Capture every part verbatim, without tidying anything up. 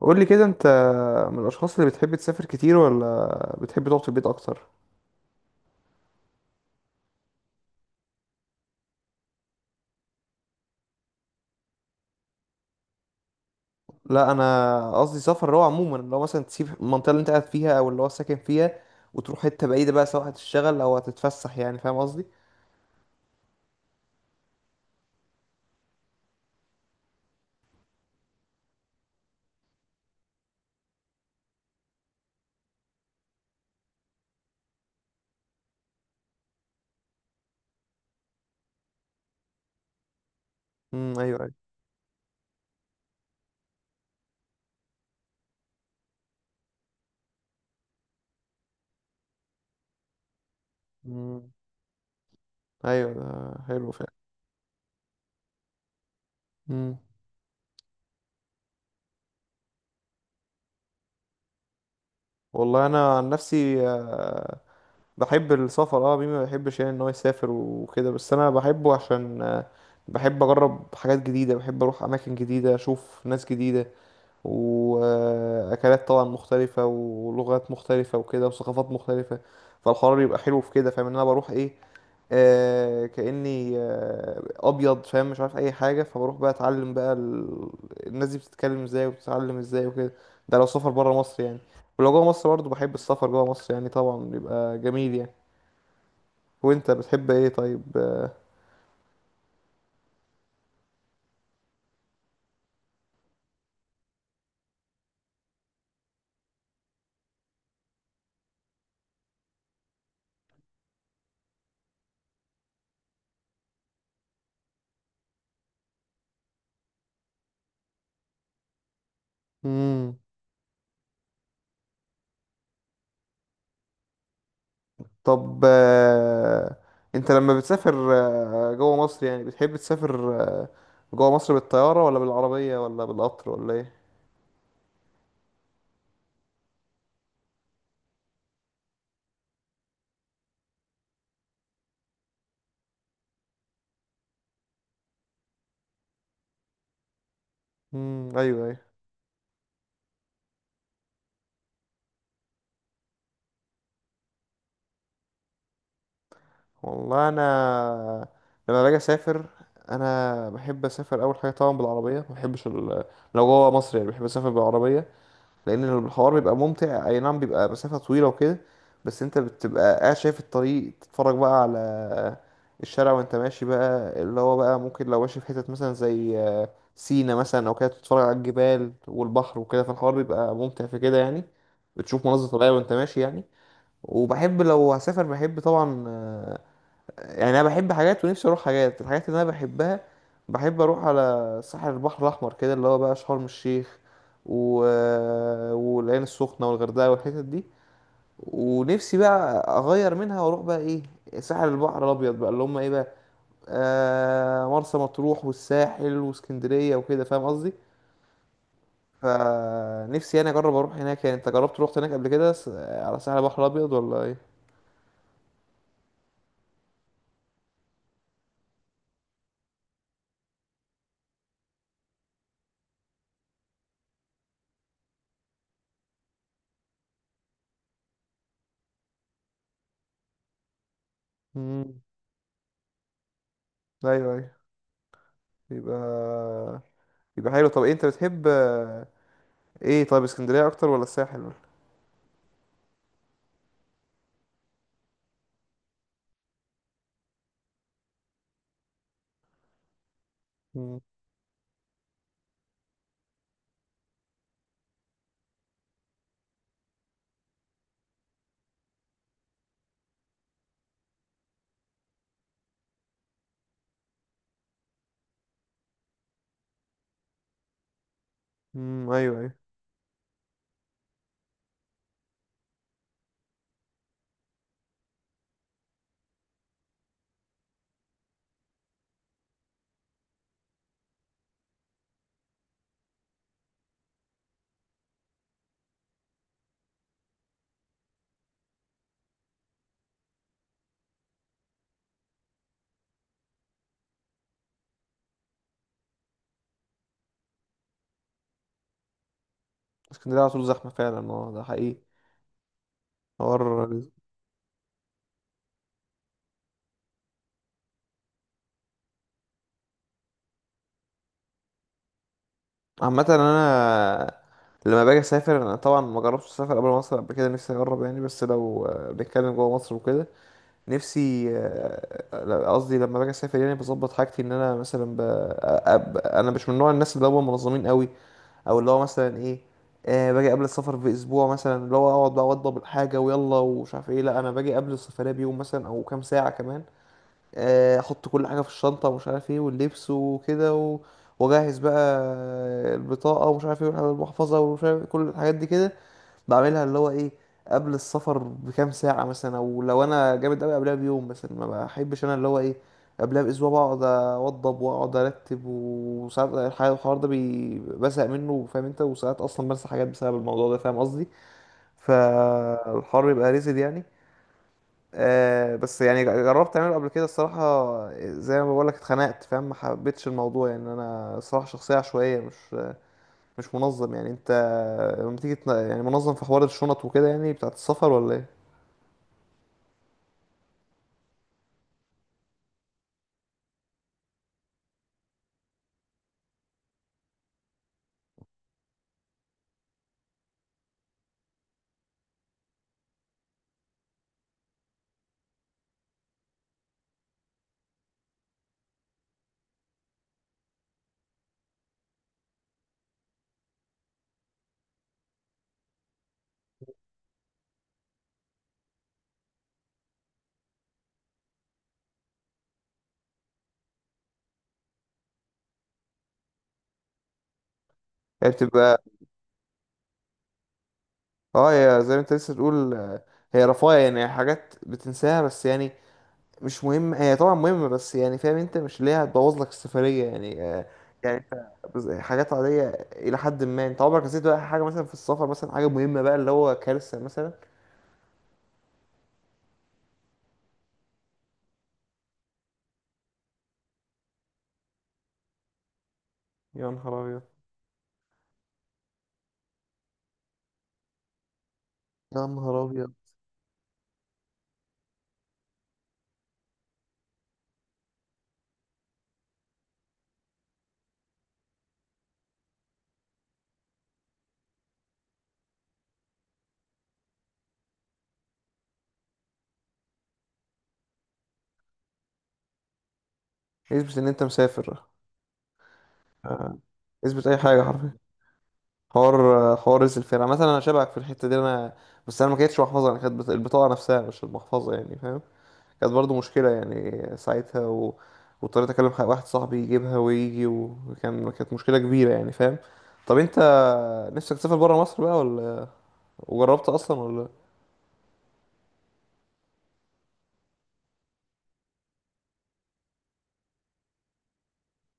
قول لي كده انت من الاشخاص اللي بتحب تسافر كتير ولا بتحب تقعد في البيت اكتر؟ لا، انا قصدي سفر اللي هو عموما اللي هو مثلا تسيب المنطقه اللي انت قاعد فيها او اللي هو ساكن فيها وتروح حته بعيده بقى، سواء هتشتغل او هتتفسح. يعني فاهم قصدي؟ امم ايوه ايوه. امم ايوه، ده حلو فعلا. امم والله انا عن نفسي آه، بحب السفر. اه مين ما بيحبش يعني ان هو يسافر وكده، بس انا بحبه عشان آه، بحب اجرب حاجات جديده، بحب اروح اماكن جديده، اشوف ناس جديده واكلات طبعا مختلفه ولغات مختلفه وكده وثقافات مختلفه. فالحوار بيبقى حلو في كده. فاهم ان انا بروح ايه؟ آه كاني آه ابيض، فاهم، مش عارف اي حاجه، فبروح بقى اتعلم بقى ال... الناس دي بتتكلم ازاي وبتتعلم ازاي وكده. ده لو سفر بره مصر يعني. ولو جوه مصر برضه بحب السفر جوه مصر، يعني طبعا بيبقى جميل يعني. وانت بتحب ايه طيب؟ آه، مم. طب آه، انت لما بتسافر آه، جوه مصر، يعني بتحب تسافر جوه مصر بالطيارة ولا بالعربية ولا بالقطر ولا ايه؟ امم ايوه ايوه. والله انا لما باجي اسافر انا بحب اسافر اول حاجه طبعا بالعربيه. ما بحبش ال... لو جوه مصر يعني بحب اسافر بالعربيه، لان الحوار بيبقى ممتع. اي نعم بيبقى مسافة طويلة وكده، بس انت بتبقى قاعد شايف الطريق، تتفرج بقى على الشارع وانت ماشي بقى، اللي هو بقى ممكن لو ماشي في حتت مثلا زي آه، سينا مثلا او كده، تتفرج على الجبال والبحر وكده. فالحوار بيبقى ممتع في كده يعني، بتشوف مناظر طبيعية وانت ماشي يعني. وبحب لو هسافر بحب طبعا آه، يعني انا بحب حاجات ونفسي اروح حاجات، الحاجات اللي انا بحبها. بحب اروح على ساحل البحر الاحمر كده، اللي هو بقى شرم الشيخ و... آه، والعين السخنه والغردقه والحتت دي. ونفسي بقى اغير منها واروح بقى ايه، ساحل البحر الابيض بقى، اللي هم ايه بقى، آه مرسى مطروح والساحل واسكندريه وكده، فاهم قصدي. فنفسي انا اجرب اروح هناك يعني. انت جربت روحت هناك قبل كده، س- على ساحل البحر الابيض ولا ايه؟ امم ايوه ايوه. يبقى يبقى حلو. طب إيه انت بتحب آه، ايه طيب، اسكندرية اكتر ولا الساحل ولا؟ مم. مم. ايوه ايوه. اسكندرية على طول زحمة فعلا، اه ده حقيقي. حوار. عامة انا لما باجي اسافر، انا طبعا ما جربتش اسافر قبل مصر قبل كده، نفسي اجرب يعني. بس لو آه، بنتكلم جوه مصر وكده، نفسي آه، لا، قصدي لما باجي اسافر يعني، بظبط حاجتي. ان انا مثلا ب... أ- أ- انا مش من نوع الناس اللي هم منظمين قوي، او اللي هو مثلا ايه، آه باجي قبل السفر باسبوع مثلا، اللي هو اقعد بقى اوضب الحاجه ويلا ومش عارف ايه. لا، انا باجي قبل السفريه بيوم مثلا او كام ساعه كمان، آه، احط كل حاجه في الشنطه ومش عارف ايه واللبس وكده و- واجهز بقى البطاقه ومش عارف ايه والمحفظه ومش عارف إيه، كل الحاجات دي كده بعملها اللي هو ايه قبل السفر بكام ساعة مثلا، او لو انا جامد قوي قبلها بيوم مثلا. ما بحبش انا اللي هو ايه قبلها باسبوع بقعد اوضب واقعد ارتب، وساعات الح- الحوار ده بي- بزهق منه، فاهم انت، وساعات اصلا بنسى حاجات بسبب الموضوع ده، فاهم قصدي. فالحوار بيبقى ريزد يعني. آه بس يعني جربت اعمله قبل كده الصراحة، زي ما بقولك اتخنقت، فاهم، ما حبيتش الموضوع يعني. انا صراحة شخصية عشوائية، مش مش منظم يعني. انت لما تيجي تن- يعني منظم في حوار الشنط وكده يعني بتاعت السفر ولا ايه؟ هي بتبقى اه، هي زي ما انت لسه تقول آه، هي رفاهية يعني، حاجات بتنساها بس يعني مش مهم. هي طبعا مهمة بس يعني، فاهم انت، مش اللي هي هتبوظ لك السفرية يعني آه، يعني انت بز- حاجات عادية إلى حد ما. انت عمرك نسيت بقى حاجة مثلا في السفر، مثلا حاجة مهمة بقى اللي هو كارثة مثلا؟ يا نهار أبيض. يا نهار أبيض. اثبت إن أنت مسافر. آه، اثبت أي حاجة حرفيا. حوار. حوار رئيس الفرقة مثلا. انا شبهك في الحتة دي انا، بس انا ما كانتش محفظة، انا كانت بت- البطاقة نفسها مش المحفظة يعني، فاهم. كانت برضو مشكلة يعني ساعتها و... واضطريت اكلم ح- واحد صاحبي يجيبها ويجي، وكان كانت مشكلة كبيرة يعني، فاهم. طب انت نفسك تسافر برا مصر بقى ولا، وجربت اصلا ولا؟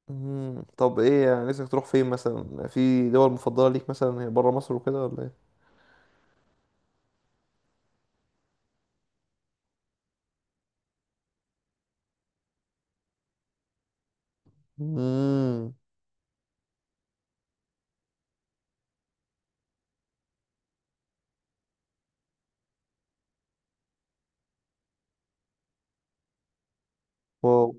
مم. طب ايه يعني نفسك تروح فين مثلا؟ في دول مفضلة ليك مثلا هي برا مصر وكده ولا ايه؟ مم. واو.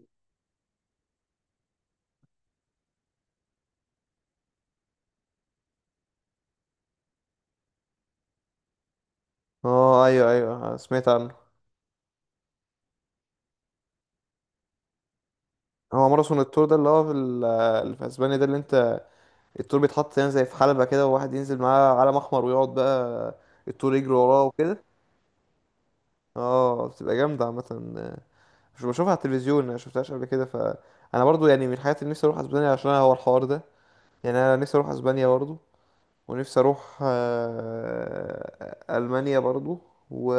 اه ايوه ايوه سمعت عنه. هو ماراثون التور ده اللي هو في, ال- اللي في اسبانيا ده، اللي انت التور بيتحط يعني زي في حلبة كده، وواحد ينزل معاه علم أحمر ويقعد بقى التور يجري وراه وكده؟ اه بتبقى جامدة عامة، مش بشوفها على التلفزيون، أنا شفتهاش قبل كده. فأنا برضو يعني من الحاجات اللي نفسي أروح أسبانيا عشان هو الحوار ده يعني. أنا نفسي أروح أسبانيا برضو، ونفسي أروح آه، ألمانيا برضو، و...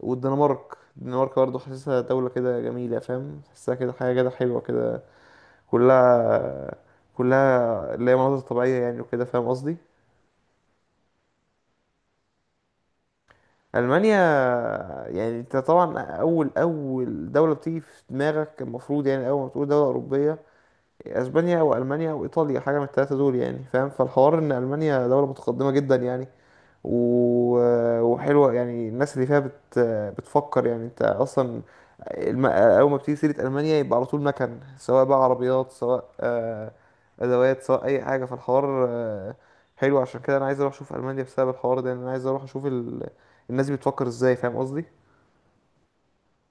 والدنمارك. الدنمارك برضو حاسسها دولة كده جميلة، فاهم، حاسسها كده حاجة كده حلوة كده، كلها كلها اللي هي مناظر طبيعية يعني وكده، فاهم قصدي. المانيا، يعني انت طبعا اول اول دوله بتيجي في دماغك المفروض، يعني اول ما تقول دوله اوروبيه، اسبانيا او المانيا او ايطاليا، حاجه من الثلاثه دول يعني، فاهم. فالحوار ان المانيا دوله متقدمه جدا يعني و... وحلوه يعني، الناس اللي فيها بت... بتفكر يعني. انت اصلا الم... اول ما بتيجي سيره المانيا يبقى على طول مكن، سواء بقى عربيات سواء آه، ادوات سواء اي حاجه. فالحوار آه، حلو. عشان كده انا عايز اروح اشوف المانيا بسبب الحوار ده يعني، انا عايز اروح اشوف ال... الناس بتفكر ازاي، فاهم قصدي.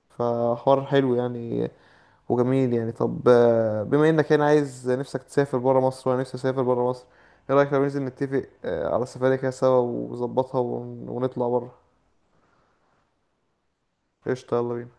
فحوار حلو يعني وجميل يعني. طب آه، بما انك هنا عايز نفسك تسافر برا مصر وانا نفسي اسافر برا مصر، ايه رايك لو ننزل نتفق آه، على سفرية كده سوا ونظبطها ون- ونطلع برا؟ قشطة، يلا بينا.